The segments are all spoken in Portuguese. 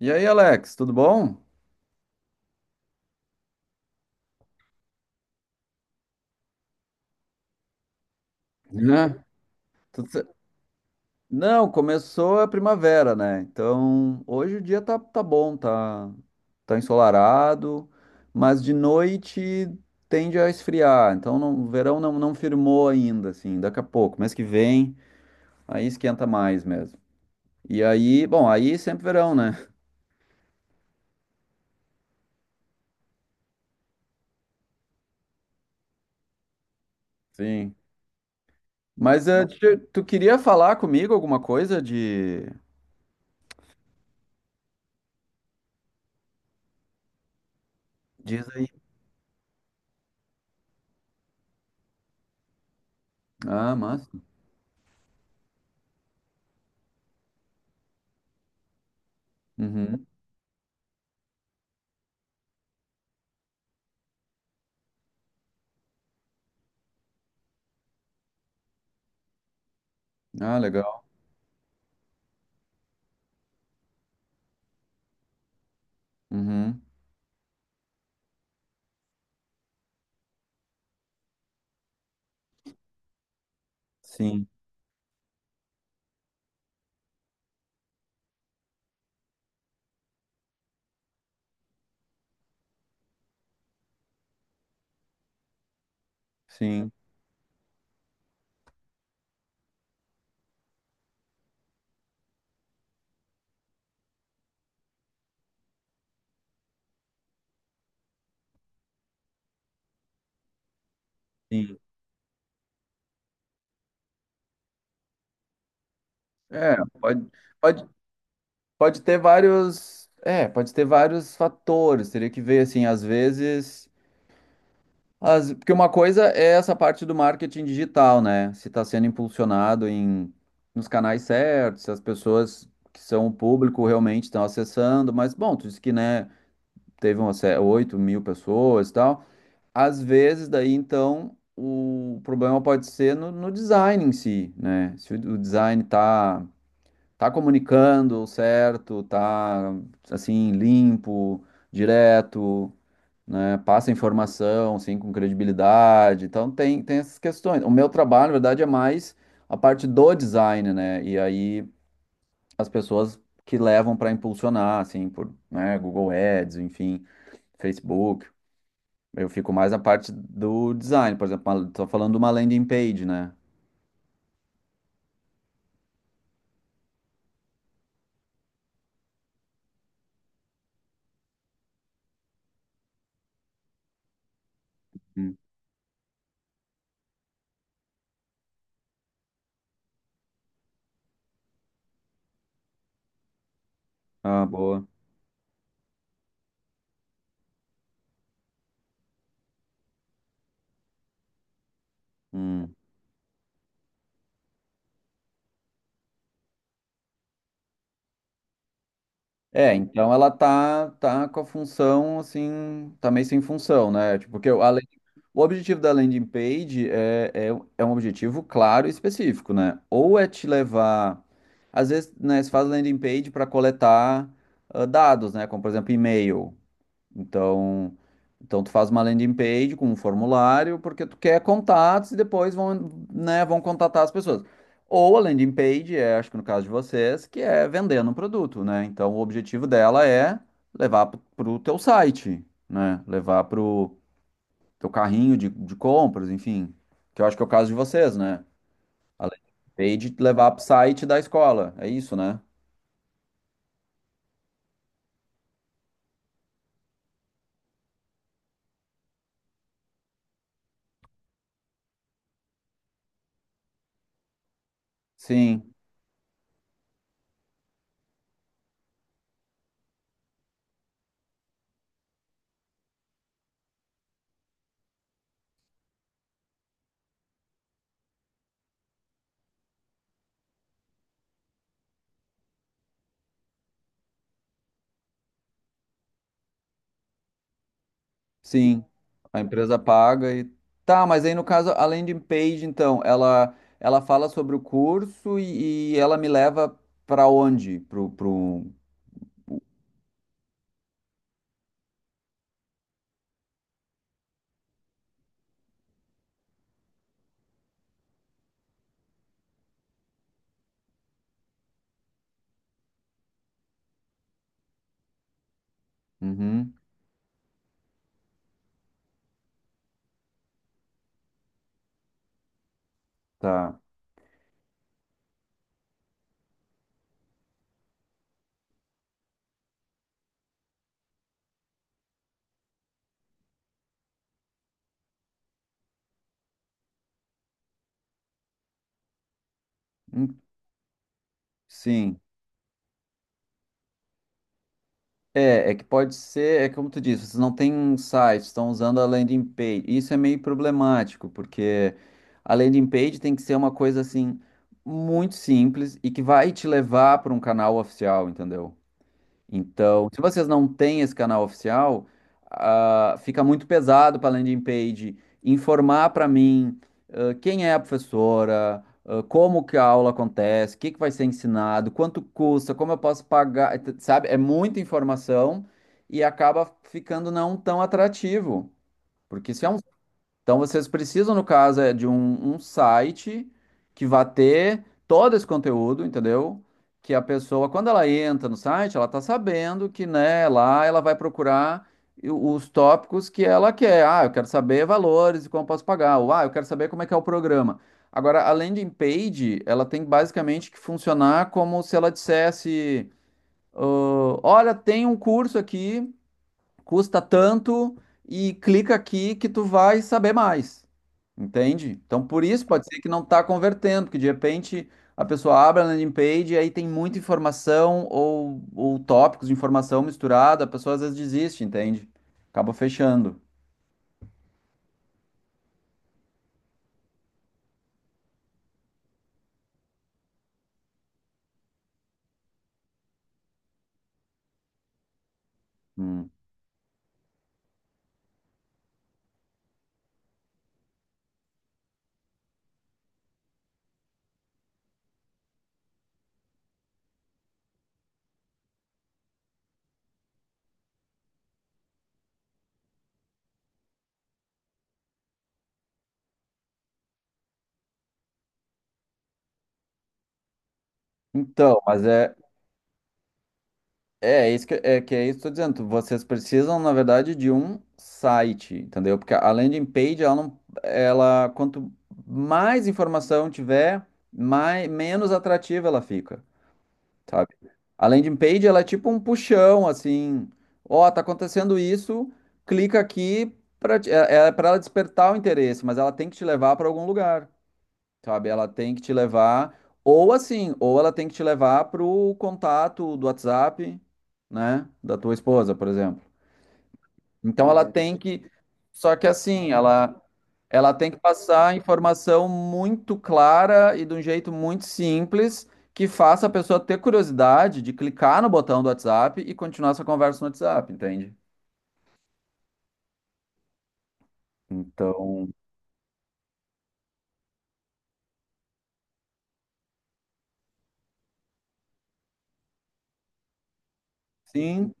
E aí, Alex, tudo bom? Né? Tudo ce- Não, começou a primavera, né? Então, hoje o dia tá bom, tá ensolarado, mas de noite tende a esfriar. Então, o verão não firmou ainda, assim, daqui a pouco, mês que vem, aí esquenta mais mesmo. E aí, bom, aí sempre verão, né? Sim. Mas tu queria falar comigo alguma coisa de... Diz aí. Ah, massa. Uhum. Ah, legal. Uhum. Sim, sim. Sim. É, pode, pode ter vários, pode ter vários fatores. Teria que ver assim, às vezes, as, porque uma coisa é essa parte do marketing digital, né? Se está sendo impulsionado nos canais certos, se as pessoas que são o público realmente estão acessando, mas bom, tu disse que, né, teve umas 8.000 pessoas e tal. Às vezes, daí então, o problema pode ser no, no design em si, né? Se o design tá comunicando certo, tá assim, limpo, direto, né? Passa informação assim com credibilidade. Então tem, tem essas questões. O meu trabalho, na verdade, é mais a parte do design, né? E aí as pessoas que levam para impulsionar, assim, por, né, Google Ads, enfim, Facebook. Eu fico mais na parte do design, por exemplo, tô falando de uma landing page, né? Hum. Ah, boa. Hum. É, então ela tá, tá com a função, assim, tá meio sem função, né? Tipo, porque o objetivo da landing page é, é um objetivo claro e específico, né? Ou é te levar, às vezes, né, você faz landing page para coletar ah, dados, né? Como, por exemplo, e-mail. Então, então tu faz uma landing page com um formulário, porque tu quer contatos e depois vão, né, vão contatar as pessoas. Ou a landing page é, acho que no caso de vocês, que é vendendo um produto, né? Então o objetivo dela é levar pro teu site, né? Levar pro teu carrinho de compras, enfim. Que eu acho que é o caso de vocês, né? A landing page levar pro site da escola, é isso, né? Sim. Sim, a empresa paga e tá, mas aí no caso a landing page, então, ela fala sobre o curso e ela me leva pra onde? Pro, pro... Uhum, tá. Hum, Sim. É, é que pode ser, é como tu disse, vocês não têm um site, estão usando a landing page. Isso é meio problemático, porque a landing page tem que ser uma coisa assim muito simples e que vai te levar para um canal oficial, entendeu? Então, se vocês não têm esse canal oficial, ah, fica muito pesado para a landing page informar para mim, ah, quem é a professora, ah, como que a aula acontece, o que que vai ser ensinado, quanto custa, como eu posso pagar, sabe? É muita informação e acaba ficando não tão atrativo, porque se é um então vocês precisam, no caso, é de um site que vá ter todo esse conteúdo, entendeu? Que a pessoa, quando ela entra no site, ela tá sabendo que, né, lá ela vai procurar os tópicos que ela quer. Ah, eu quero saber valores e como eu posso pagar. Ou, ah, eu quero saber como é que é o programa. Agora, a landing page, ela tem basicamente que funcionar como se ela dissesse, ah, olha, tem um curso aqui custa tanto e clica aqui que tu vai saber mais. Entende? Então, por isso pode ser que não está convertendo, que de repente a pessoa abre a landing page e aí tem muita informação ou tópicos de informação misturada, a pessoa às vezes desiste, entende? Acaba fechando. Hum. Então, mas é, É, é isso que é isso que eu tô dizendo. Vocês precisam, na verdade, de um site, entendeu? Porque a landing page, ela não, ela, quanto mais informação tiver, menos atrativa ela fica, sabe? A landing page, ela é tipo um puxão, assim, ó, tá acontecendo isso, clica aqui para é, é para ela despertar o interesse, mas ela tem que te levar para algum lugar. Sabe? Ela tem que te levar, ou assim, ou ela tem que te levar pro contato do WhatsApp, né? Da tua esposa, por exemplo. Então ela tem que. Só que assim, ela tem que passar a informação muito clara e de um jeito muito simples que faça a pessoa ter curiosidade de clicar no botão do WhatsApp e continuar essa conversa no WhatsApp, entende? Então, sim,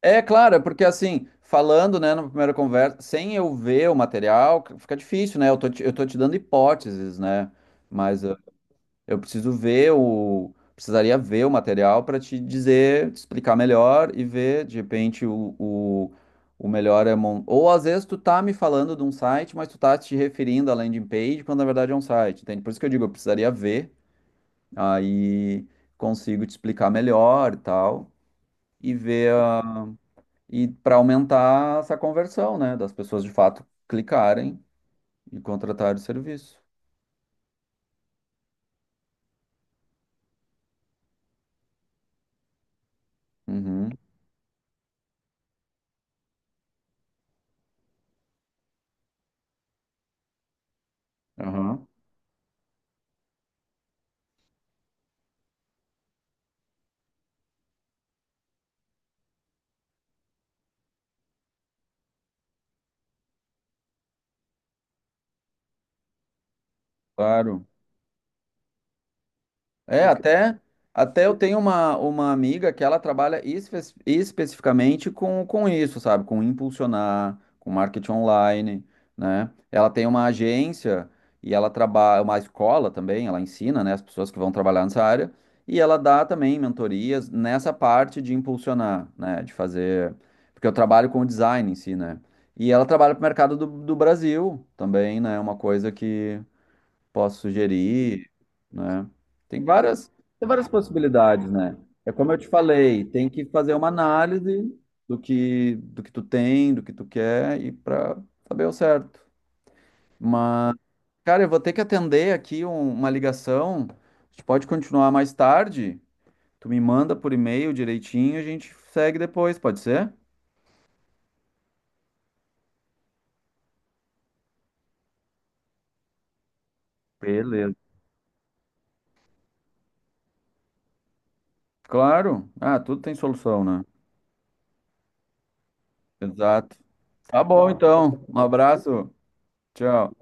É, claro, é porque assim, falando, né, na primeira conversa, sem eu ver o material, fica difícil, né? Eu tô te dando hipóteses, né? Mas eu preciso ver o. Precisaria ver o material para te dizer, te explicar melhor e ver, de repente, o melhor é. Ou às vezes tu tá me falando de um site, mas tu tá te referindo à landing page, quando na verdade é um site, entende? Por isso que eu digo, eu precisaria ver, aí consigo te explicar melhor e tal, e ver e para aumentar essa conversão, né, das pessoas de fato clicarem e contratarem o serviço. Uhum, aham, claro. É, até eu tenho uma amiga que ela trabalha especificamente com isso, sabe? Com impulsionar, com marketing online, né? Ela tem uma agência e ela trabalha, uma escola também, ela ensina, né, as pessoas que vão trabalhar nessa área, e ela dá também mentorias nessa parte de impulsionar, né? De fazer. Porque eu trabalho com o design em si, né? E ela trabalha para o mercado do, do Brasil também, né? Uma coisa que posso sugerir, né? Tem várias, tem várias possibilidades, né? É como eu te falei, tem que fazer uma análise do que tu tem, do que tu quer e para saber o certo. Mas, cara, eu vou ter que atender aqui uma ligação. A gente pode continuar mais tarde. Tu me manda por e-mail direitinho, e a gente segue depois, pode ser? Beleza. Claro. Ah, tudo tem solução, né? Exato. Tá bom, então. Um abraço. Tchau.